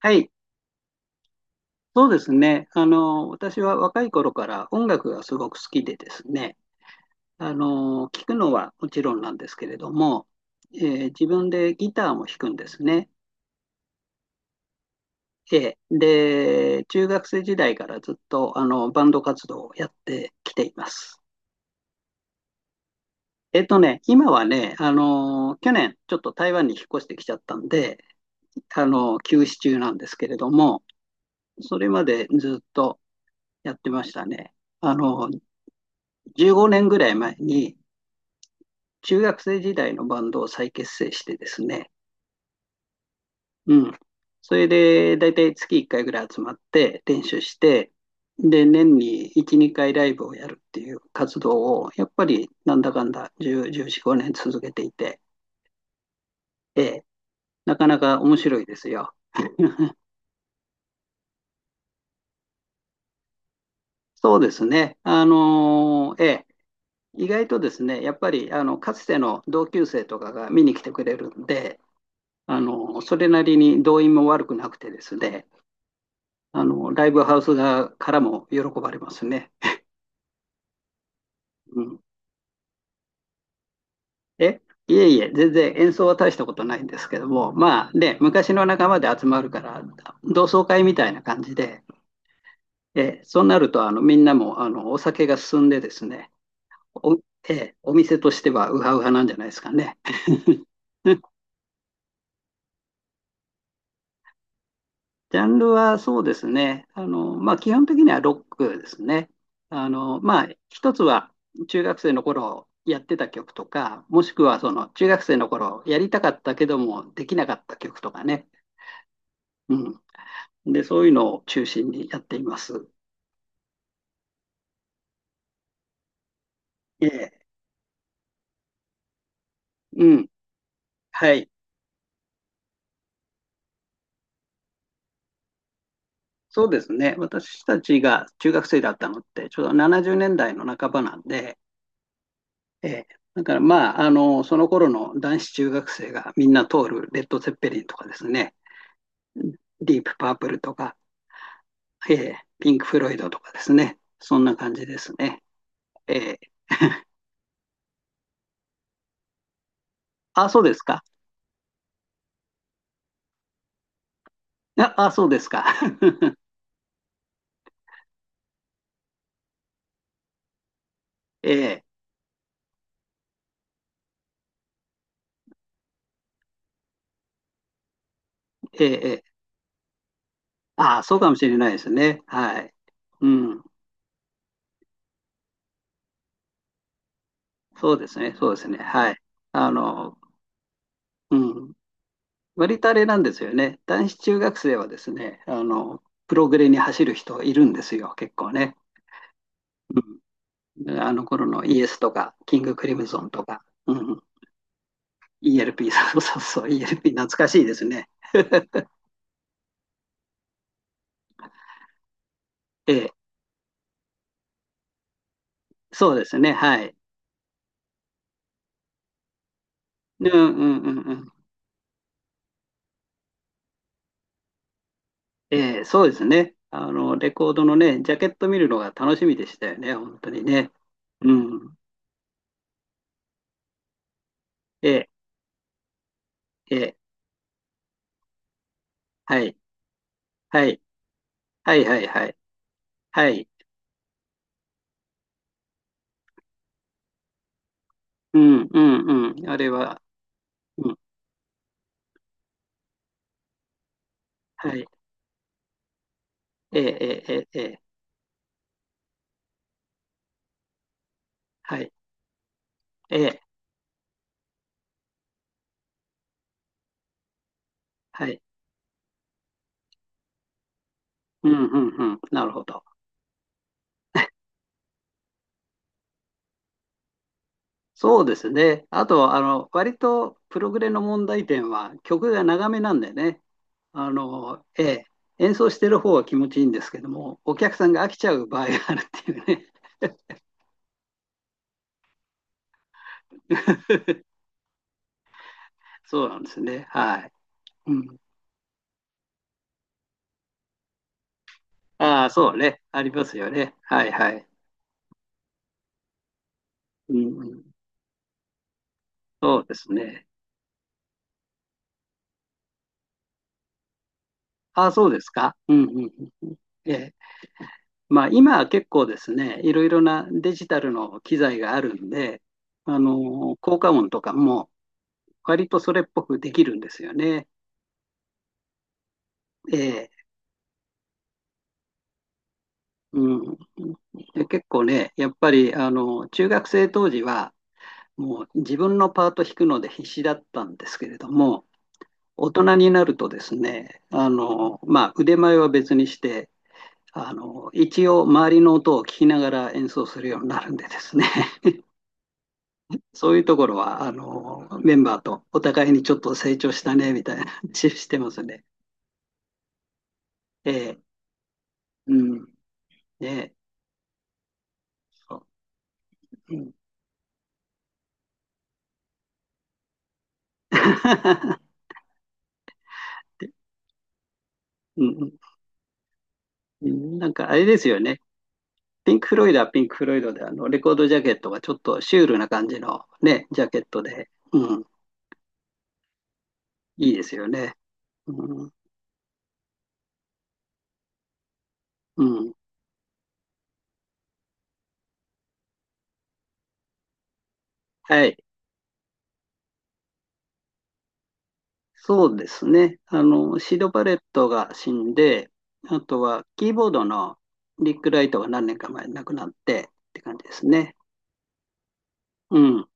はい、そうですね。私は若い頃から音楽がすごく好きでですね、聴くのはもちろんなんですけれども、え自分でギターも弾くんですね。えーで、中学生時代からずっとバンド活動をやってきています。今はね、去年ちょっと台湾に引っ越してきちゃったんで、休止中なんですけれども、それまでずっとやってましたね。あの、15年ぐらい前に、中学生時代のバンドを再結成してですね、うん。それで、だいたい月1回ぐらい集まって練習して、で、年に1、2回ライブをやるっていう活動を、やっぱりなんだかんだ10、1 5年続けていて、ええ、なかなか面白いですよ。そうですね。ええ、意外とですね、やっぱりかつての同級生とかが見に来てくれるんで、それなりに動員も悪くなくてですね、ライブハウス側からも喜ばれますね。うん。えいえいえ、全然演奏は大したことないんですけども、まあね、昔の仲間で集まるから、同窓会みたいな感じで、そうなると、みんなも、お酒が進んでですね、お、お店としてはウハウハなんじゃないですかね。ジャンルはそうですね。まあ、基本的にはロックですね。まあ、一つは中学生の頃やってた曲とか、もしくはその中学生の頃やりたかったけどもできなかった曲とかね。うん。で、そういうのを中心にやっています。ええ。うん。はい。そうですね。私たちが中学生だったのって、ちょうど70年代の半ばなんで、ええ。だからまあ、その頃の男子中学生がみんな通るレッド・ゼッペリンとかですね。ディープパープルとか、えーピンク・フロイドとかですね。そんな感じですね。えーあ、そうですか。あ、あそうですか。えーえーえーあ、そうかもしれないですね。はい。うん。そうですね。そうですね。はい。あの、うん。割とあれなんですよね。男子中学生はですね、プログレに走る人いるんですよ、結構ね。うん。あの頃のイエスとか、キング・クリムゾンとか。うん。ELP、そうそうそう、ELP、懐かしいですね。ええ、そうですね、はい。うんうんうんうん。ええ、そうですね。レコードのね、ジャケット見るのが楽しみでしたよね、本当にね。うん。ええ、ええ、はい、はい、はいはいはい、はい。うんうんうん。あれは、うん、はい。ええ、ええ、ええ、ええはい、ええ、はい。うんうんうん。なるほど。そうですね。あと、割とプログレの問題点は曲が長めなんでね。ええ、演奏してる方は気持ちいいんですけども、お客さんが飽きちゃう場合があるっていうね。そうなんですね。はい。うん、ああ、そうね。ありますよね。はいはい。うんうん、そうですね。ああ、そうですか。うんうんうん。ええ。まあ、今は結構ですね、いろいろなデジタルの機材があるんで、効果音とかも割とそれっぽくできるんですよね。ええ。うん、で結構ね、やっぱり中学生当時は、もう自分のパート弾くので必死だったんですけれども、大人になるとですね、まあ、腕前は別にして、一応、周りの音を聞きながら演奏するようになるんでですね、そういうところはメンバーとお互いにちょっと成長したねみたいな話してますね。ええうんねえそううん うんうんなんかあれですよね。ピンク・フロイドはピンク・フロイドで、レコードジャケットがちょっとシュールな感じのね、ジャケットで、うん、いいですよね。うん、うん、はい。そうですね。シード・バレットが死んで、あとはキーボードのリック・ライトが何年か前に亡くなってって感じですね。うん。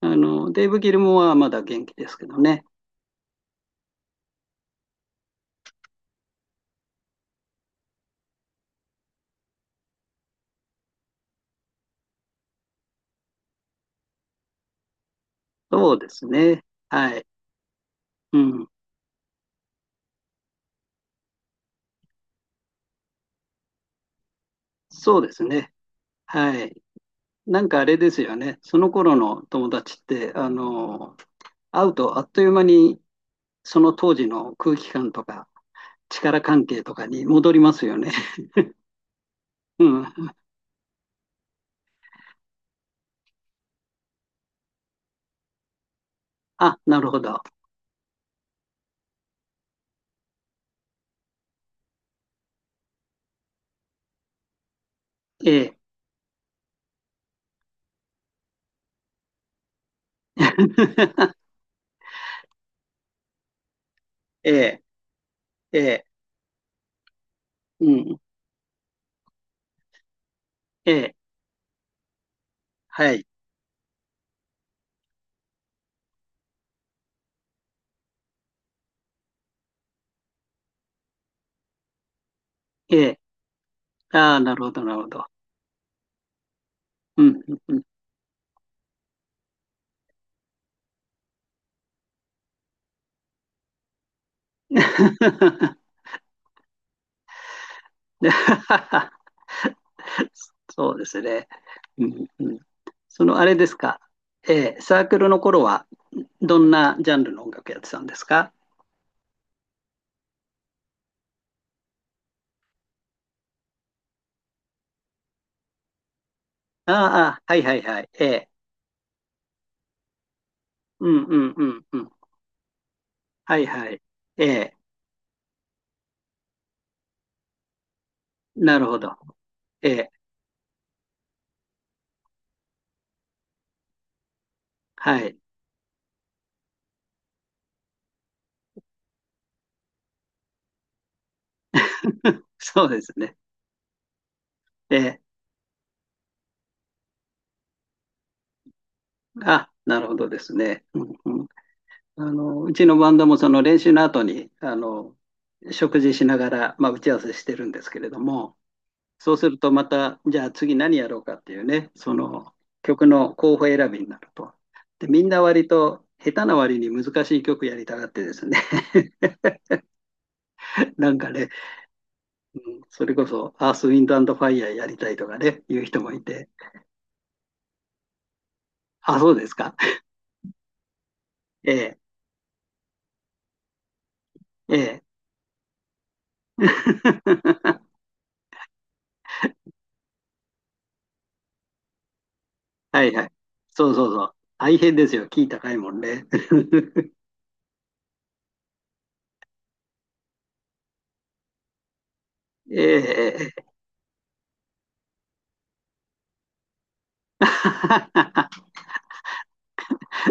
デイブ・ギルモアはまだ元気ですけどね。そうですね。はい。うん。そうですね。はい。なんかあれですよね。その頃の友達って、会うとあっという間にその当時の空気感とか力関係とかに戻りますよね。うん。あ、なるほど。ええ。ええ、ええ、うん、ええ、はい、ええ。ああ、なるほど、なるほど。うん、うん、うん。で そうですね。うん、うん。そのあれですか。ええ、サークルの頃はどんなジャンルの音楽やってたんですか？ああ、ああはいはいはい。ええ、うん、うん、うん、うん。はいはい。ええ、なるほど。ええ、はい。そうですね。ええ、あ、なるほどですね。うんうん、うちのバンドもその練習の後に、食事しながら、まあ、打ち合わせしてるんですけれども、そうするとまた、じゃあ次何やろうかっていうね、その曲の候補選びになると。で、みんな割と下手な割に難しい曲やりたがってですね、なんかね、うんそれこそアース、ウィンド、アンド、ファイヤーやりたいとかね、いう人もいて、あ、そうですか。ええ、ええ。はいはい。そうそうそう。大変ですよ。キー高いもんね。ええ、ええ。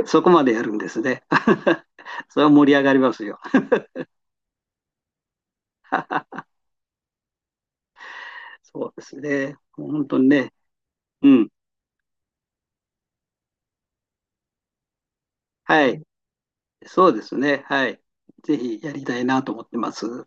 そこまでやるんですね。それは盛り上がりますよ。そうですね。本当にね。うん。はい。そうですね。はい。ぜひやりたいなと思ってます。